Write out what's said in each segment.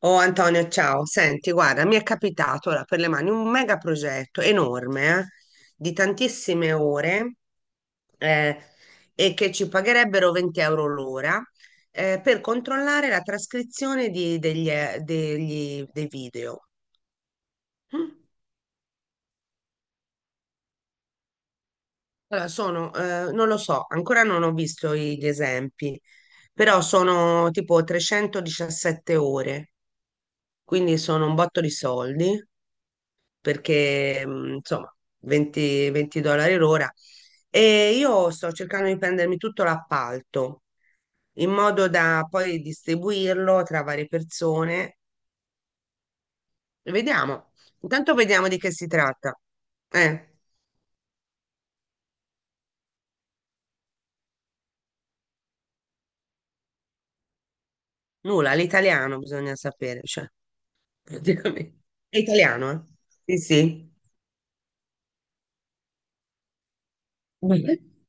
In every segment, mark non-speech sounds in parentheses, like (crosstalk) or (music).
Oh Antonio, ciao. Senti, guarda, mi è capitato ora per le mani un mega progetto enorme, di tantissime ore eh, e che ci pagherebbero 20 € l'ora per controllare la trascrizione dei video. Mm. Allora, sono, non lo so, ancora non ho visto gli esempi, però sono tipo 317 ore, quindi sono un botto di soldi. Perché insomma $20 l'ora. E io sto cercando di prendermi tutto l'appalto in modo da poi distribuirlo tra varie persone. Vediamo. Intanto vediamo di che si tratta. Eh, Nulla, l'italiano bisogna sapere, cioè, praticamente. È italiano, eh? Sì, sì. (laughs)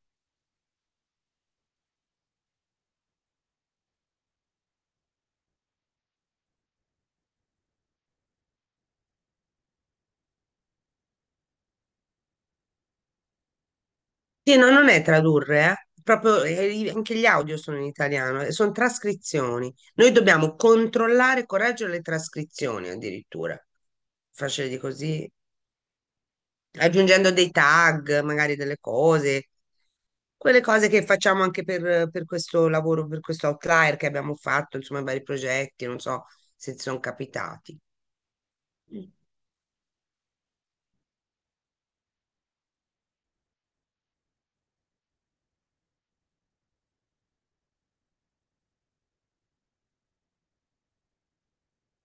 Sì, no, non è tradurre, eh. Proprio, anche gli audio sono in italiano, sono trascrizioni. Noi dobbiamo controllare, e correggere le trascrizioni addirittura, facile di così, aggiungendo dei tag, magari delle cose, quelle cose che facciamo anche per questo lavoro, per questo outlier che abbiamo fatto, insomma, vari progetti, non so se ti sono capitati.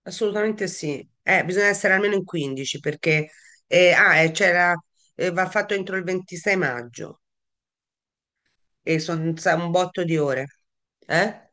Assolutamente sì, bisogna essere almeno in 15 perché c'era, va fatto entro il 26 maggio e sono un botto di ore. Eh?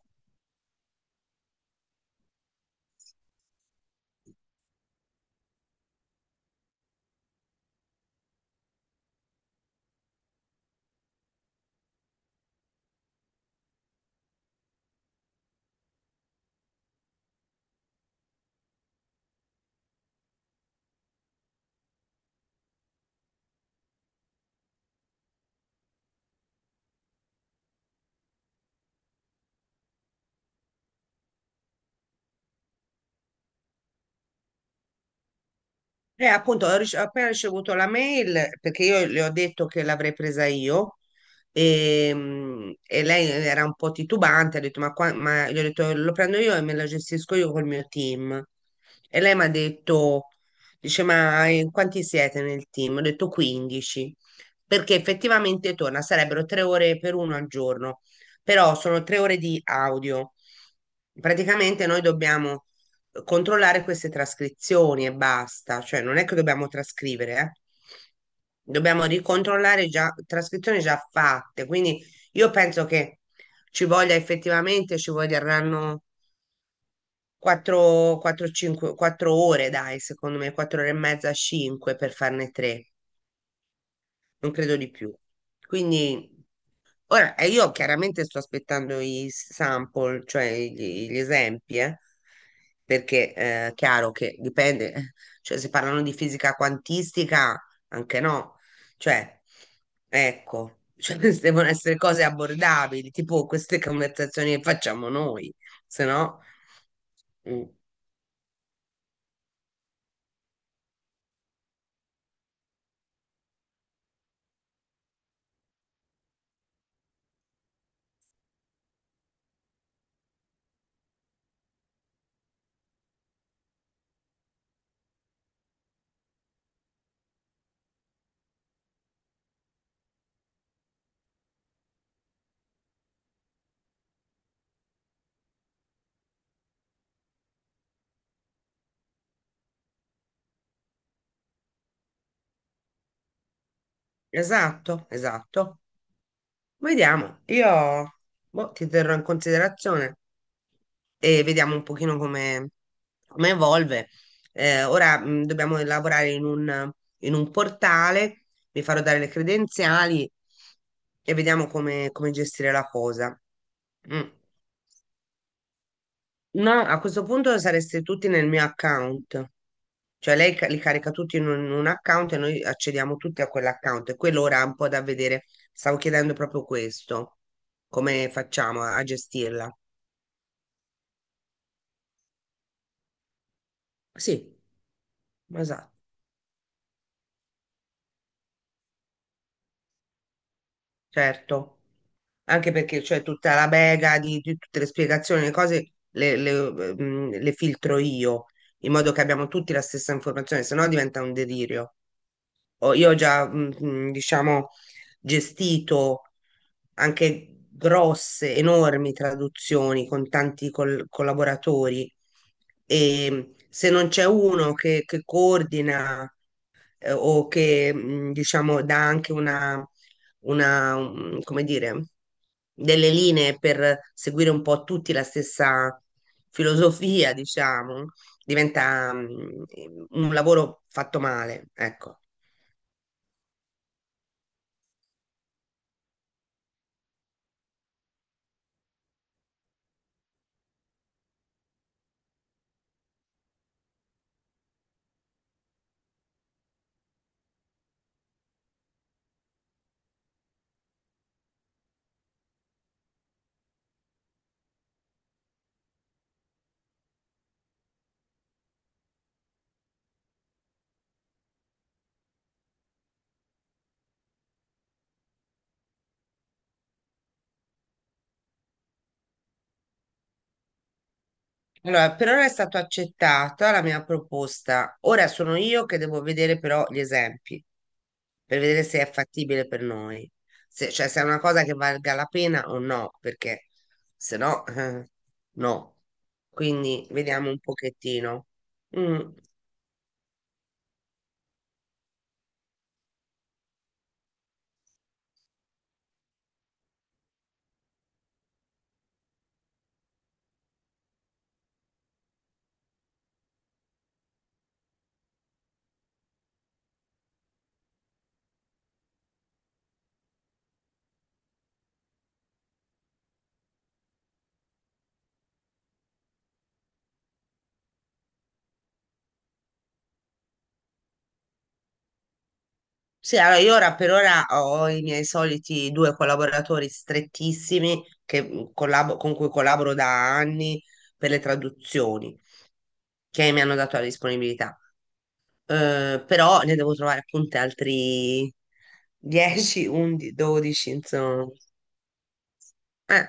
Appunto, ho appena ricevuto la mail perché io le ho detto che l'avrei presa io e lei era un po' titubante, ha detto ma, qua, ma gli ho detto lo prendo io e me la gestisco io col mio team. E lei mi ha detto, dice ma in quanti siete nel team? Ho detto 15, perché effettivamente torna, sarebbero 3 ore per uno al giorno, però sono 3 ore di audio. Praticamente noi dobbiamo controllare queste trascrizioni e basta, cioè non è che dobbiamo trascrivere, eh. Dobbiamo ricontrollare già trascrizioni già fatte, quindi io penso che ci voglia effettivamente, ci vorranno 4, 4, 5, 4 ore, dai, secondo me, 4 ore e mezza, 5 per farne 3, non credo di più. Quindi. Ora, io chiaramente sto aspettando i sample, cioè gli esempi, perché è chiaro che dipende, cioè se parlano di fisica quantistica, anche no, cioè, ecco, cioè, (laughs) queste devono essere cose abbordabili, tipo queste conversazioni che facciamo noi, se no. Mm. Esatto, esatto. Vediamo, io boh, ti terrò in considerazione e vediamo un pochino come evolve. Ora dobbiamo lavorare in un portale, mi farò dare le credenziali e vediamo come gestire la cosa. Mm. No, a questo punto sareste tutti nel mio account. Cioè lei li carica tutti in un account e noi accediamo tutti a quell'account. E quello ora è un po' da vedere. Stavo chiedendo proprio questo. Come facciamo a gestirla? Sì, esatto, certo. Anche perché c'è tutta la bega di tutte le spiegazioni, le cose le filtro io, in modo che abbiamo tutti la stessa informazione, se no diventa un delirio. Io ho già, diciamo, gestito anche grosse, enormi traduzioni con tanti collaboratori e se non c'è uno che coordina o che, diciamo, dà anche come dire, delle linee per seguire un po' tutti la stessa filosofia, diciamo, diventa un lavoro fatto male, ecco. Allora, per ora è stata accettata la mia proposta. Ora sono io che devo vedere però gli esempi per vedere se è fattibile per noi, se, cioè se è una cosa che valga la pena o no, perché se no, no. Quindi vediamo un pochettino. Mm. Sì, allora io ora per ora ho i miei soliti due collaboratori strettissimi con cui collaboro da anni per le traduzioni che mi hanno dato la disponibilità. Però ne devo trovare appunto altri 10, 11, 12, insomma. Eh,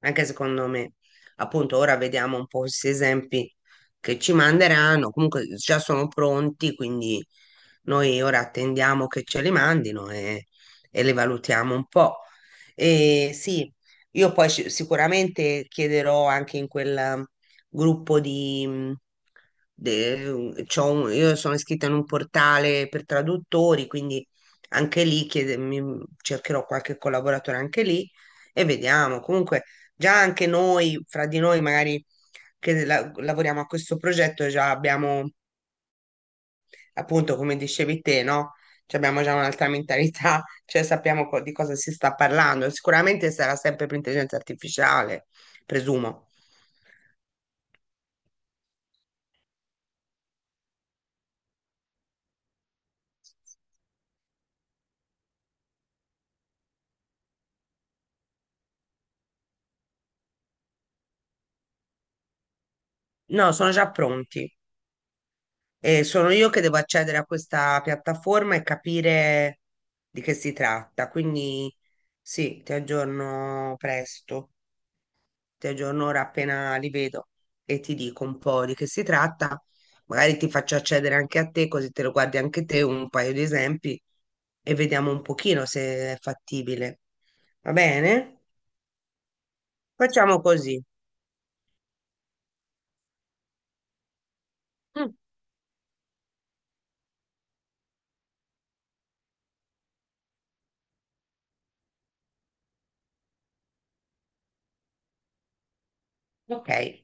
Anche secondo me, appunto, ora vediamo un po' questi esempi che ci manderanno. Comunque già sono pronti, quindi noi ora attendiamo che ce li mandino e li valutiamo un po'. E sì, io poi sicuramente chiederò anche in quel gruppo di... de- c'ho un- io sono iscritta in un portale per traduttori, quindi anche lì cercherò qualche collaboratore anche lì e vediamo. Comunque già anche noi, fra di noi magari che lavoriamo a questo progetto, già abbiamo, appunto, come dicevi te, no? Cioè abbiamo già un'altra mentalità, (laughs) cioè sappiamo di cosa si sta parlando. Sicuramente sarà sempre per intelligenza artificiale, presumo. No, sono già pronti. E sono io che devo accedere a questa piattaforma e capire di che si tratta. Quindi sì, ti aggiorno presto. Ti aggiorno ora appena li vedo e ti dico un po' di che si tratta. Magari ti faccio accedere anche a te, così te lo guardi anche te, un paio di esempi e vediamo un pochino se è fattibile. Va bene? Facciamo così. Mm, ok.